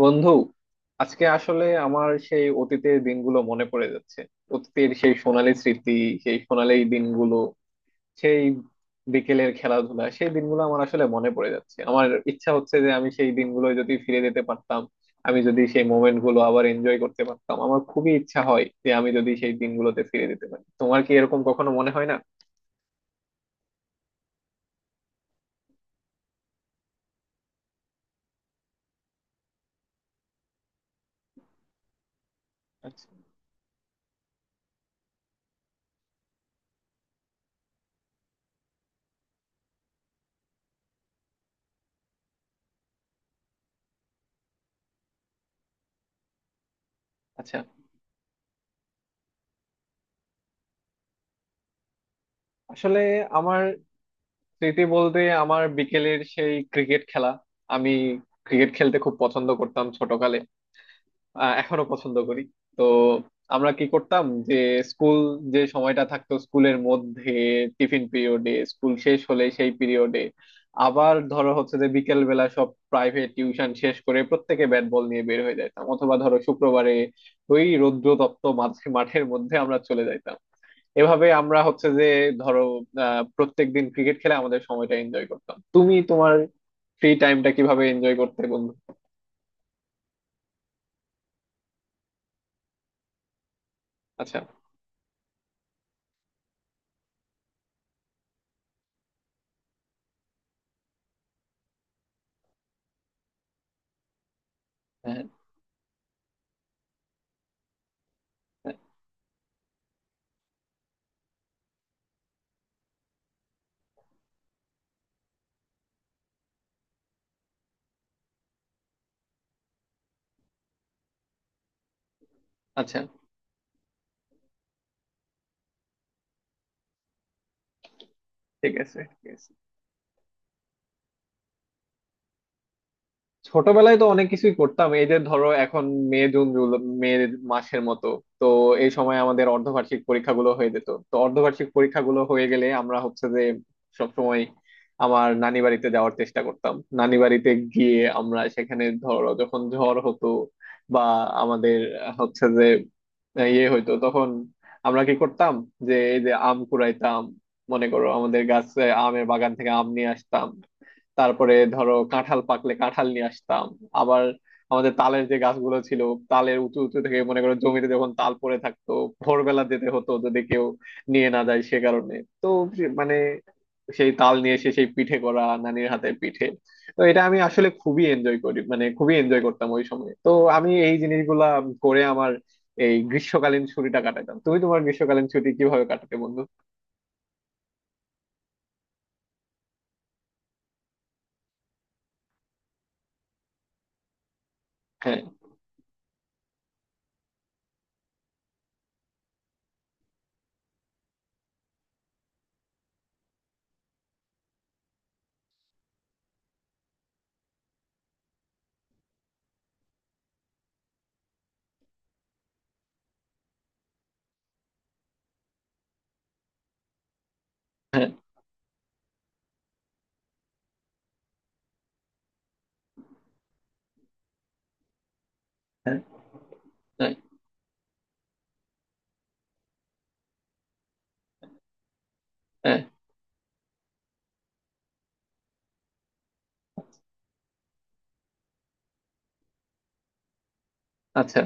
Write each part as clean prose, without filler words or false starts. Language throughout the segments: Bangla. বন্ধু, আজকে আসলে আমার সেই অতীতের দিনগুলো মনে পড়ে যাচ্ছে। অতীতের সেই সোনালী স্মৃতি, সেই সোনালী দিনগুলো, সেই বিকেলের খেলাধুলা, সেই দিনগুলো আমার আসলে মনে পড়ে যাচ্ছে। আমার ইচ্ছা হচ্ছে যে আমি সেই দিনগুলো যদি ফিরে যেতে পারতাম, আমি যদি সেই মোমেন্ট গুলো আবার এনজয় করতে পারতাম। আমার খুবই ইচ্ছা হয় যে আমি যদি সেই দিনগুলোতে ফিরে যেতে পারি। তোমার কি এরকম কখনো মনে হয় না? আচ্ছা, আচ্ছা। আসলে আমার স্মৃতি বলতে আমার বিকেলের সেই ক্রিকেট খেলা। আমি ক্রিকেট খেলতে খুব পছন্দ করতাম ছোটকালে। এখনো পছন্দ করি। তো আমরা কি করতাম যে, স্কুল, যে সময়টা থাকতো স্কুলের মধ্যে টিফিন পিরিয়ডে, স্কুল শেষ হলে সেই পিরিয়ডে, আবার ধরো হচ্ছে যে বিকেল বেলা সব প্রাইভেট টিউশন শেষ করে প্রত্যেকে ব্যাট বল নিয়ে বের হয়ে যাইতাম, অথবা ধরো শুক্রবারে ওই রৌদ্রতপ্ত মাঠের মধ্যে আমরা চলে যাইতাম। এভাবে আমরা হচ্ছে যে ধরো, প্রত্যেক দিন ক্রিকেট খেলে আমাদের সময়টা এনজয় করতাম। তুমি তোমার ফ্রি টাইমটা কিভাবে এনজয় করতে বন্ধু? আচ্ছা। হ্যাঁ, হ্যাঁ। আচ্ছা। ঠিক আছে, ঠিক আছে। ছোটবেলায় তো অনেক কিছুই করতাম। এই যে ধরো এখন মে জুন জুলাই, মে মাসের মতো, তো এই সময় আমাদের অর্ধবার্ষিক পরীক্ষাগুলো হয়ে যেত। তো অর্ধবার্ষিক পরীক্ষাগুলো হয়ে গেলে আমরা হচ্ছে যে সবসময় আমার নানি বাড়িতে যাওয়ার চেষ্টা করতাম। নানি বাড়িতে গিয়ে আমরা সেখানে ধরো যখন ঝড় হতো, বা আমাদের হচ্ছে যে হইতো তখন আমরা কি করতাম যে, এই যে আম কুড়াইতাম, মনে করো আমাদের গাছে আমের বাগান থেকে আম নিয়ে আসতাম। তারপরে ধরো কাঁঠাল পাকলে কাঁঠাল নিয়ে আসতাম। আবার আমাদের তালের যে গাছগুলো ছিল, তালের উঁচু উঁচু থেকে মনে করো জমিতে যখন তাল পড়ে থাকতো, ভোরবেলা যেতে হতো, যদি কেউ নিয়ে না যায় সে কারণে। তো মানে সেই তাল নিয়ে এসে সেই পিঠে করা নানির হাতে পিঠে। তো এটা আমি আসলে খুবই এনজয় করি, মানে খুবই এনজয় করতাম ওই সময়। তো আমি এই জিনিসগুলা করে আমার এই গ্রীষ্মকালীন ছুটিটা কাটাতাম। তুমি তোমার গ্রীষ্মকালীন ছুটি কিভাবে কাটাতে বন্ধু? হ্যাঁ, হ্যাঁ, হ্যাঁ, হ্যাঁ, হ্যাঁ। আচ্ছা।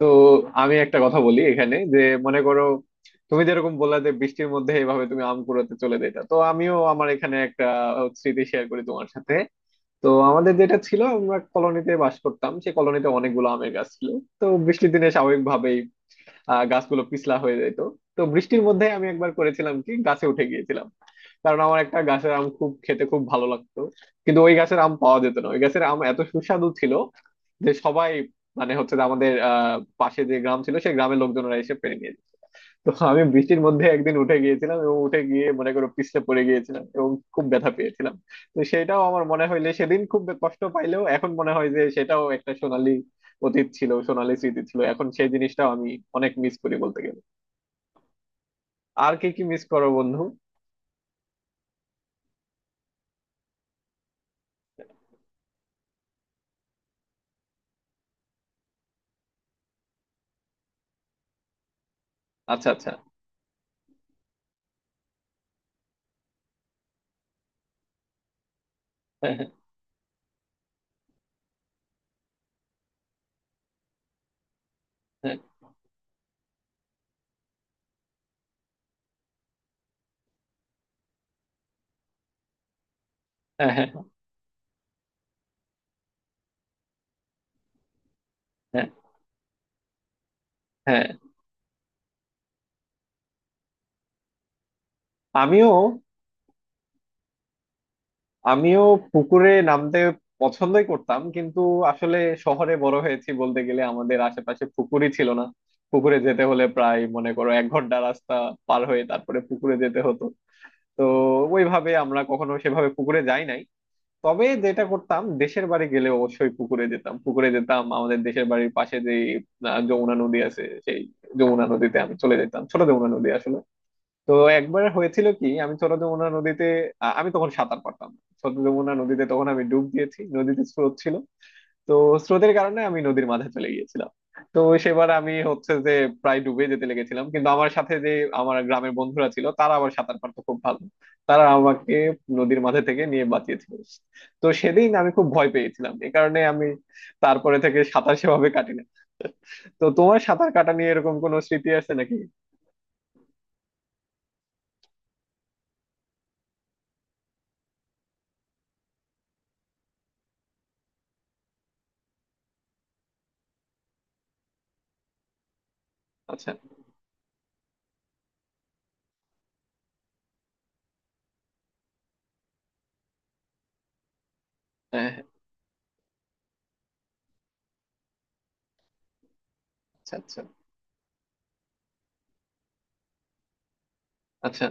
তো আমি একটা কথা বলি এখানে যে, মনে করো তুমি যেরকম বললা যে বৃষ্টির মধ্যে এইভাবে তুমি আম কুড়াতে চলে যেতা, তো আমিও আমার এখানে একটা স্মৃতি শেয়ার করি তোমার সাথে। তো আমাদের যেটা ছিল, আমরা কলোনিতে বাস করতাম, সেই কলোনিতে অনেকগুলো আমের গাছ ছিল। তো বৃষ্টির দিনে স্বাভাবিকভাবেই গাছগুলো পিছলা হয়ে যেত। তো বৃষ্টির মধ্যে আমি একবার করেছিলাম কি, গাছে উঠে গিয়েছিলাম, কারণ আমার একটা গাছের আম খুব খেতে খুব ভালো লাগতো। কিন্তু ওই গাছের আম পাওয়া যেত না, ওই গাছের আম এত সুস্বাদু ছিল যে সবাই, মানে হচ্ছে যে, আমাদের পাশে যে গ্রাম ছিল সেই গ্রামের লোকজনরা এসে পেরে নিয়ে যেত। তো আমি বৃষ্টির মধ্যে একদিন উঠে গিয়েছিলাম, এবং উঠে গিয়ে মনে করো পিছলে পড়ে গিয়েছিলাম, এবং খুব ব্যথা পেয়েছিলাম। তো সেটাও আমার মনে হইলে, সেদিন খুব কষ্ট পাইলেও এখন মনে হয় যে সেটাও একটা সোনালী অতীত ছিল, সোনালী স্মৃতি ছিল। এখন সেই জিনিসটা আমি অনেক মিস করি বলতে গেলে। আর কি কি মিস করো বন্ধু? আচ্ছা, আচ্ছা। হ্যাঁ, হ্যাঁ, হ্যাঁ, হ্যাঁ, হ্যাঁ। আমিও আমিও পুকুরে নামতে পছন্দই করতাম, কিন্তু আসলে শহরে বড় হয়েছি বলতে গেলে, আমাদের আশেপাশে পুকুরই ছিল না। পুকুরে যেতে হলে প্রায় মনে করো 1 ঘন্টা রাস্তা পার হয়ে তারপরে পুকুরে যেতে হতো। তো ওইভাবে আমরা কখনো সেভাবে পুকুরে যাই নাই। তবে যেটা করতাম, দেশের বাড়ি গেলে অবশ্যই পুকুরে যেতাম, পুকুরে যেতাম। আমাদের দেশের বাড়ির পাশে যে যমুনা নদী আছে সেই যমুনা নদীতে আমি চলে যেতাম, ছোট যমুনা নদী আসলে। তো একবার হয়েছিল কি, আমি ছোট যমুনা নদীতে, আমি তখন সাঁতার পারতাম না। ছোট যমুনা নদীতে তখন আমি ডুব দিয়েছি, নদীতে স্রোত ছিল। তো স্রোতের কারণে আমি নদীর মাঝে চলে গিয়েছিলাম। তো সেবার আমি হচ্ছে যে প্রায় ডুবে যেতে লেগেছিলাম, কিন্তু আমার সাথে যে আমার গ্রামের বন্ধুরা ছিল, তারা আবার সাঁতার পারতো খুব ভালো। তারা আমাকে নদীর মাঝে থেকে নিয়ে বাঁচিয়েছিল। তো সেদিন আমি খুব ভয় পেয়েছিলাম, এ কারণে আমি তারপরে থেকে সাঁতার সেভাবে কাটি না। তো তোমার সাঁতার কাটা নিয়ে এরকম কোনো স্মৃতি আছে নাকি? আচ্ছা। হ্যাঁ, হ্যাঁ। আচ্ছা, আচ্ছা, আচ্ছা।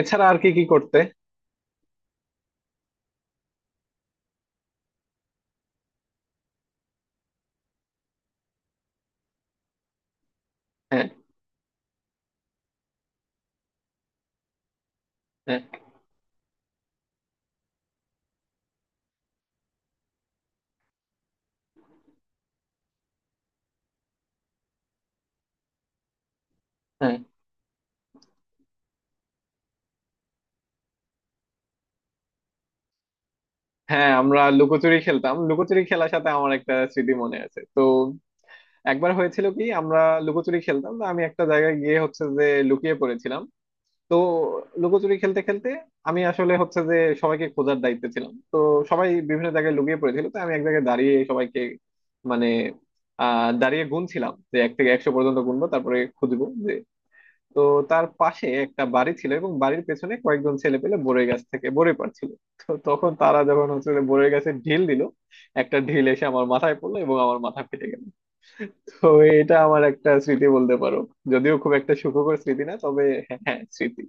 এছাড়া আর কি কি করতে? হ্যাঁ, হ্যাঁ, হ্যাঁ, হ্যাঁ। আমরা লুকোচুরি খেলতাম। লুকোচুরি খেলার সাথে আমার একটা স্মৃতি মনে আছে। তো একবার হয়েছিল কি, আমরা লুকোচুরি খেলতাম, তো আমি একটা জায়গায় গিয়ে হচ্ছে যে লুকিয়ে পড়েছিলাম। তো লুকোচুরি খেলতে খেলতে আমি আসলে হচ্ছে যে সবাইকে খোঁজার দায়িত্বে ছিলাম। তো সবাই বিভিন্ন জায়গায় লুকিয়ে পড়েছিল, তো আমি এক জায়গায় দাঁড়িয়ে সবাইকে, মানে দাঁড়িয়ে গুনছিলাম যে এক থেকে 100 পর্যন্ত গুনবো তারপরে খুঁজবো। তো তার পাশে একটা বাড়ি ছিল, এবং বাড়ির পেছনে কয়েকজন ছেলে পেলে বরই গাছ থেকে বরই পাড়ছিল। তো তখন তারা যখন হচ্ছে যে বরই গাছে ঢিল দিল, একটা ঢিল এসে আমার মাথায় পড়লো এবং আমার মাথা ফেটে গেল। তো এটা আমার একটা স্মৃতি বলতে পারো, যদিও খুব একটা সুখকর স্মৃতি না, তবে। হ্যাঁ, হ্যাঁ, স্মৃতি।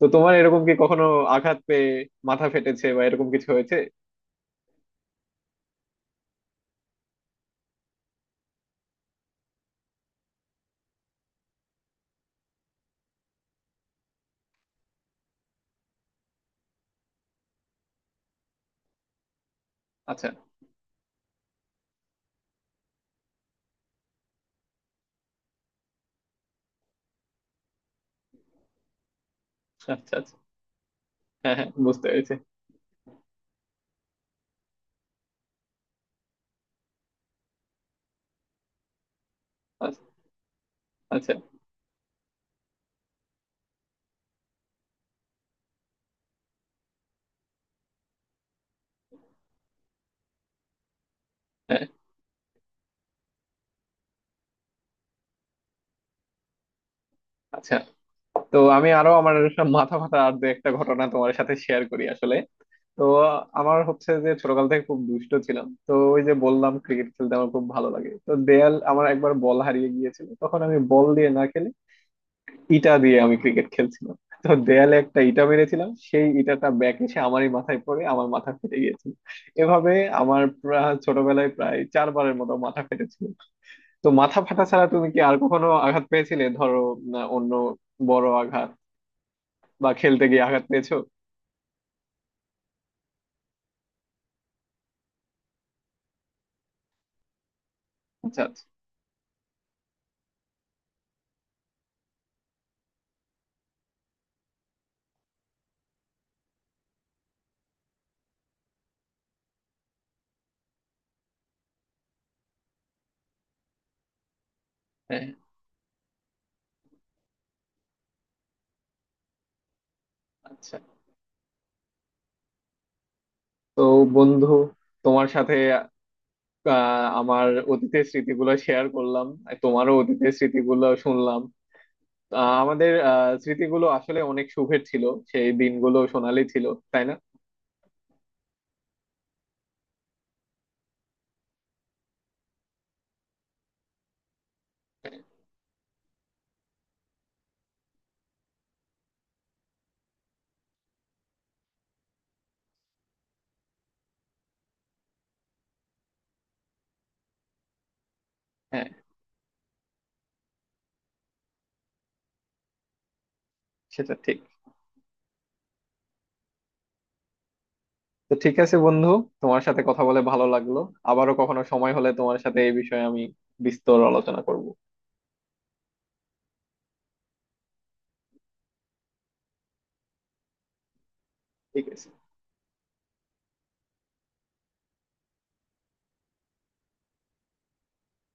তো তোমার এরকম কি কখনো আঘাত পেয়ে মাথা ফেটেছে বা এরকম কিছু হয়েছে? আচ্ছা, আচ্ছা, আচ্ছা। হ্যাঁ, হ্যাঁ, বুঝতে পেরেছি। আচ্ছা, আচ্ছা। হ্যাঁ। আচ্ছা। তো আমি আরো আমার মাথা ফাটা আর দু একটা ঘটনা তোমার সাথে শেয়ার করি আসলে। তো আমার হচ্ছে যে ছোটকাল থেকে খুব দুষ্ট ছিলাম। তো ওই যে বললাম ক্রিকেট খেলতে আমার খুব ভালো লাগে। তো দেয়াল, আমার একবার বল হারিয়ে গিয়েছিল, তখন আমি বল দিয়ে না খেলে ইটা দিয়ে আমি ক্রিকেট খেলছিলাম। তো দেয়ালে একটা ইটা মেরেছিলাম, সেই ইটাটা ব্যাক এসে আমারই মাথায় পড়ে আমার মাথা ফেটে গিয়েছিল। এভাবে আমার ছোটবেলায় প্রায় চারবারের মতো মাথা ফেটেছিল। তো মাথা ফাটা ছাড়া তুমি কি আর কখনো আঘাত পেয়েছিলে ধরো, না, অন্য বড় আঘাত বা খেলতে গিয়ে আঘাত পেয়েছো? আচ্ছা, আচ্ছা। হ্যাঁ। আচ্ছা। তো বন্ধু, তোমার সাথে আমার অতীতের স্মৃতিগুলো শেয়ার করলাম, আর তোমারও অতীতের স্মৃতিগুলো শুনলাম। আমাদের স্মৃতিগুলো আসলে অনেক সুখের ছিল। সেই দিনগুলো সোনালি ছিল, তাই না? হ্যাঁ, সেটা ঠিক। তো ঠিক আছে বন্ধু, তোমার সাথে কথা বলে ভালো লাগলো। আবারও কখনো সময় হলে তোমার সাথে এই বিষয়ে আমি বিস্তর আলোচনা করব। ঠিক আছে।